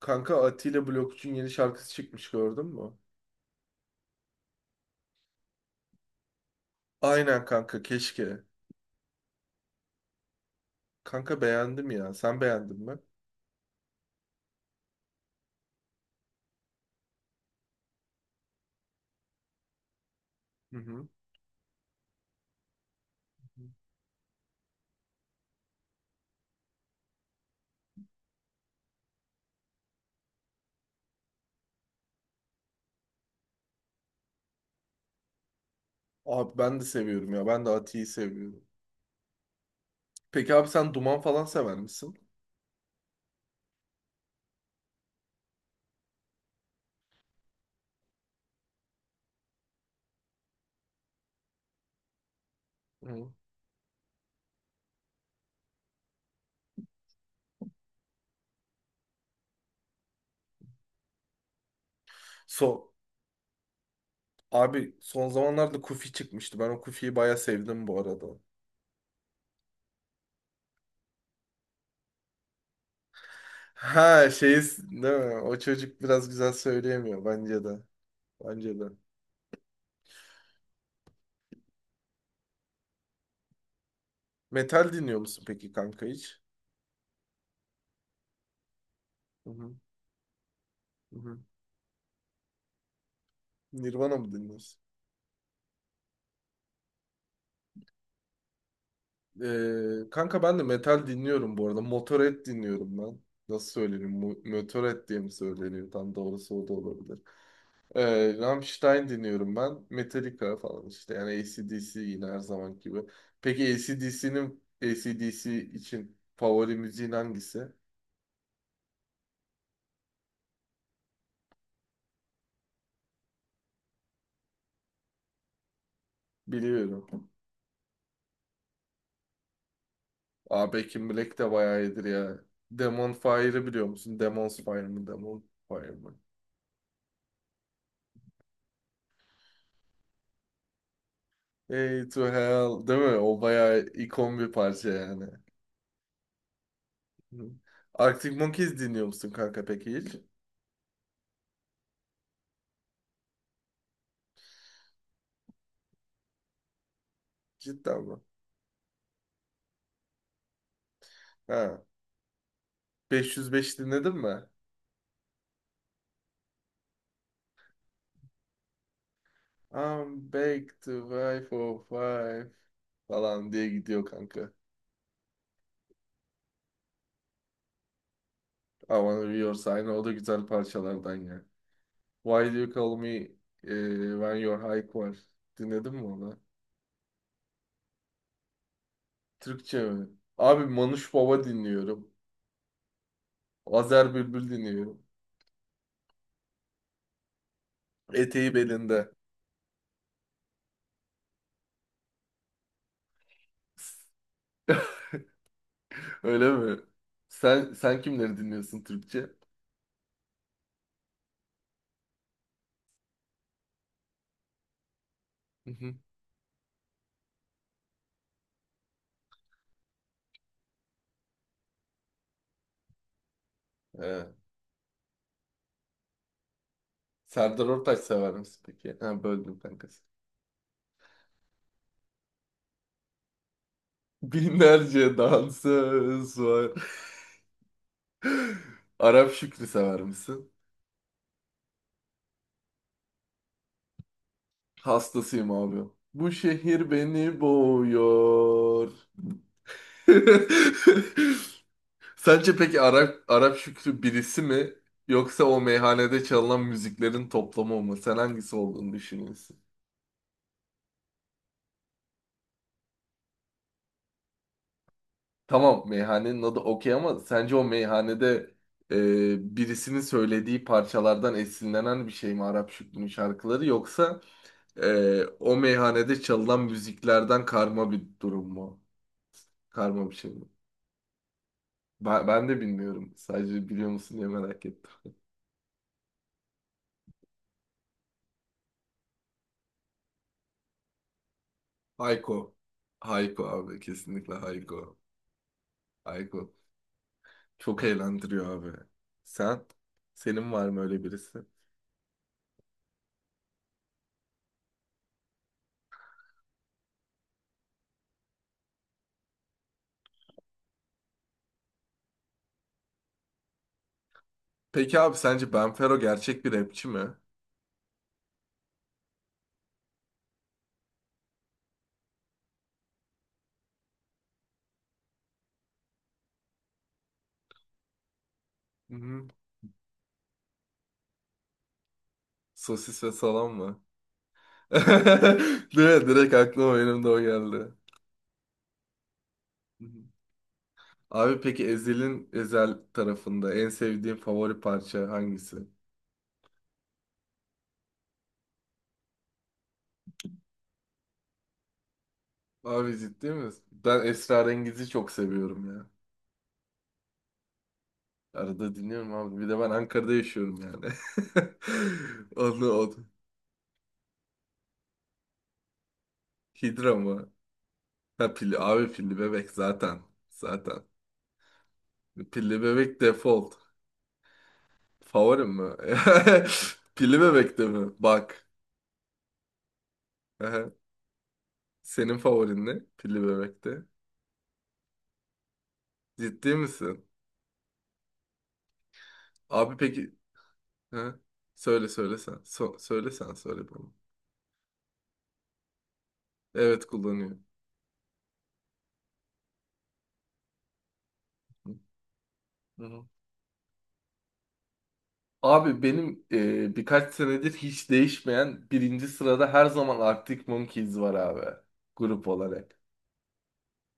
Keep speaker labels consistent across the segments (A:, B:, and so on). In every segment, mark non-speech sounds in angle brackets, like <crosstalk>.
A: Kanka Atilla Blokçu'nun yeni şarkısı çıkmış gördün mü? Aynen kanka keşke. Kanka beğendim ya. Sen beğendin mi? Hı hı. Abi ben de seviyorum ya. Ben de Atilla'yı seviyorum. Peki abi sen Duman falan sever misin? Hı. So Abi son zamanlarda Kufi çıkmıştı. Ben o Kufi'yi bayağı sevdim bu arada. Ha şeyi değil mi? O çocuk biraz güzel söyleyemiyor bence de. Bence de. Metal dinliyor musun peki kanka hiç? Hı hı. Hı hı. Nirvana mı dinliyorsun? Kanka ben de metal dinliyorum bu arada. Motorhead dinliyorum ben. Nasıl söyleniyor? Motorhead diye mi söyleniyor? Tam doğrusu o da olabilir. Rammstein dinliyorum ben. Metallica falan işte. Yani AC/DC yine her zaman gibi. Peki AC/DC'nin AC/DC için favori müziğin hangisi? Biliyorum. Aa, Back in Black de bayağı iyidir ya. Demon Fire'ı biliyor musun? Demon's Fire mı? Demon Fire mı? Hey to hell değil mi? O bayağı ikon bir parça yani. Hı. Arctic Monkeys dinliyor musun kanka peki hiç? Cidden mi? Ha. 505 dinledin mi? I'm back to five oh five falan diye gidiyor kanka. I wanna be your sign. O da güzel parçalardan ya. Why do you call me when you're high var. Dinledin mi onu? Türkçe mi? Abi Manuş Baba dinliyorum. Azer Bülbül dinliyorum. Eteği belinde. <laughs> Öyle mi? Sen kimleri dinliyorsun Türkçe? Hı hı. He. Serdar Ortaç sever misin peki? Ha, böldüm kankası. <laughs> Binlerce dansöz var. <laughs> Arap Şükrü sever misin? Hastasıyım abi. Bu şehir beni boğuyor. <laughs> Sence peki Arap Şükrü birisi mi yoksa o meyhanede çalınan müziklerin toplamı mı? Sen hangisi olduğunu düşünüyorsun? Tamam meyhanenin adı okey ama sence o meyhanede birisinin söylediği parçalardan esinlenen bir şey mi Arap Şükrü'nün şarkıları yoksa o meyhanede çalınan müziklerden karma bir durum mu? Karma bir şey mi? Ben de bilmiyorum. Sadece biliyor musun diye merak ettim. Hayko. Hayko abi kesinlikle Hayko. Hayko. Çok eğlendiriyor abi. Sen? Senin var mı öyle birisi? Peki abi sence Benfero gerçek bir rapçi mi? Hı hı. Sosis ve salam mı? <laughs> Direkt aklıma benim de o geldi. Abi peki Ezel tarafında en sevdiğin favori parça hangisi? Abi ciddi misin? Ben Esrarengiz'i çok seviyorum ya. Arada dinliyorum abi. Bir de ben Ankara'da yaşıyorum yani. <laughs> Onu, onu. Hidra mı? Ha, pilli. Abi pilli bebek zaten. Zaten. Pilli bebek default. Favorim mi? <laughs> Pilli bebek de mi? Bak. <laughs> Senin favorin ne? Pilli Bebek'te. Ciddi misin? Abi peki... Ha? Söyle söyle sen. Söyle sen söyle bana. Evet kullanıyor. Hı hı. Abi benim birkaç senedir hiç değişmeyen birinci sırada her zaman Arctic Monkeys var abi. Grup olarak.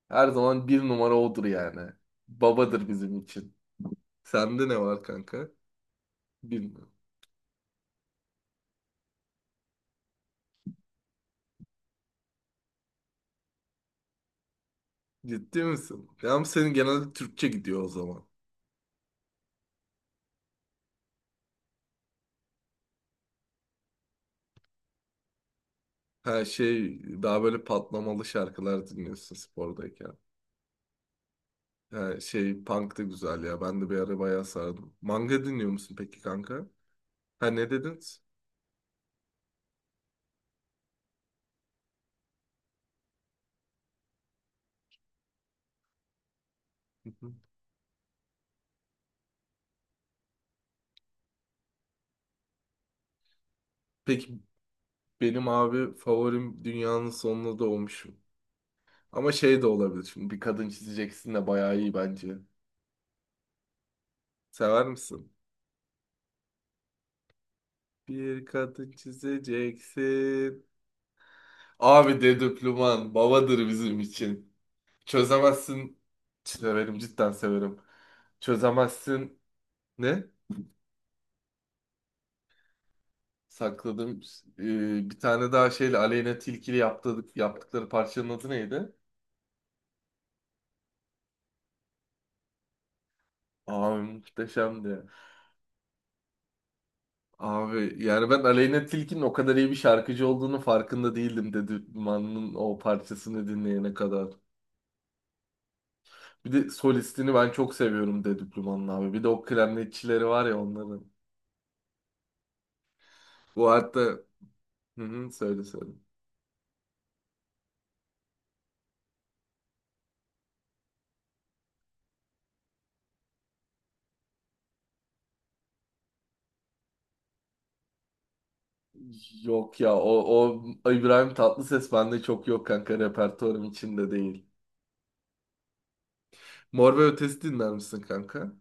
A: Her zaman bir numara odur yani. Babadır bizim için. Sende ne var kanka? Bilmiyorum. Ciddi misin? Yani senin genelde Türkçe gidiyor o zaman. Ha şey, daha böyle patlamalı şarkılar dinliyorsun spordayken. Ha şey, punk da güzel ya. Ben de bir ara bayağı sardım. Manga dinliyor musun peki kanka? Ha, ne dedin? Hı hı. Peki benim abi favorim Dünyanın Sonuna Doğmuşum. Ama şey de olabilir, şimdi bir kadın çizeceksin de bayağı iyi bence. Sever misin? Bir kadın çizeceksin. Abi Dedüplüman babadır bizim için. Çözemezsin. Severim, cidden severim. Çözemezsin. Ne? Sakladım. Bir tane daha şeyle Aleyna Tilki'yle yaptıkları parçanın adı neydi? Abi muhteşemdi ya. Abi yani ben Aleyna Tilki'nin o kadar iyi bir şarkıcı olduğunu farkında değildim Dedüplüman'ın o parçasını dinleyene kadar. Bir de solistini ben çok seviyorum Dedüplüman'ın abi. Bir de o klarnetçileri var ya onların. Bu hatta hı hı, söyle söyle. Yok ya, o İbrahim Tatlıses bende çok yok kanka, repertuarım içinde değil. Mor ve Ötesi dinler misin kanka?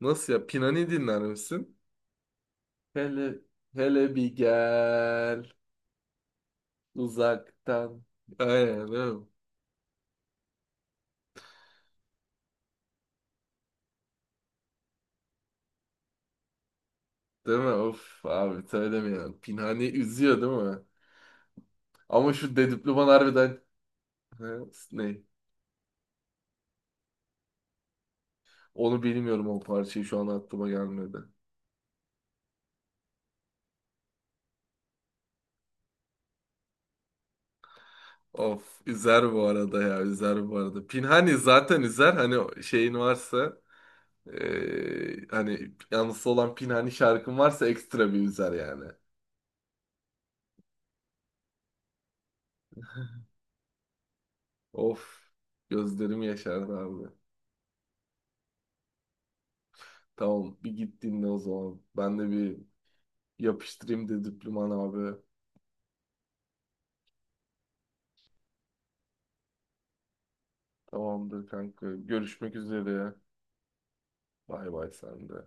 A: Nasıl ya? Pinani dinler misin? Hele, hele bir gel uzaktan. Aynen değil mi? Değil mi? Of abi, söylemiyorum. Pinhani üzüyor değil mi? Ama şu Dedüplüman harbiden... Ha, ne? Onu bilmiyorum, o parçayı şu an aklıma gelmedi. Of, üzer bu arada ya, üzer bu arada. Pinhani zaten üzer, hani o şeyin varsa, hani yalnız olan Pinhani şarkın varsa ekstra bir üzer yani. Of, gözlerim yaşardı abi. Tamam, bir git dinle o zaman. Ben de bir yapıştırayım de, diploman abi. Tamamdır kanka. Görüşmek üzere. Bay bay, sen de.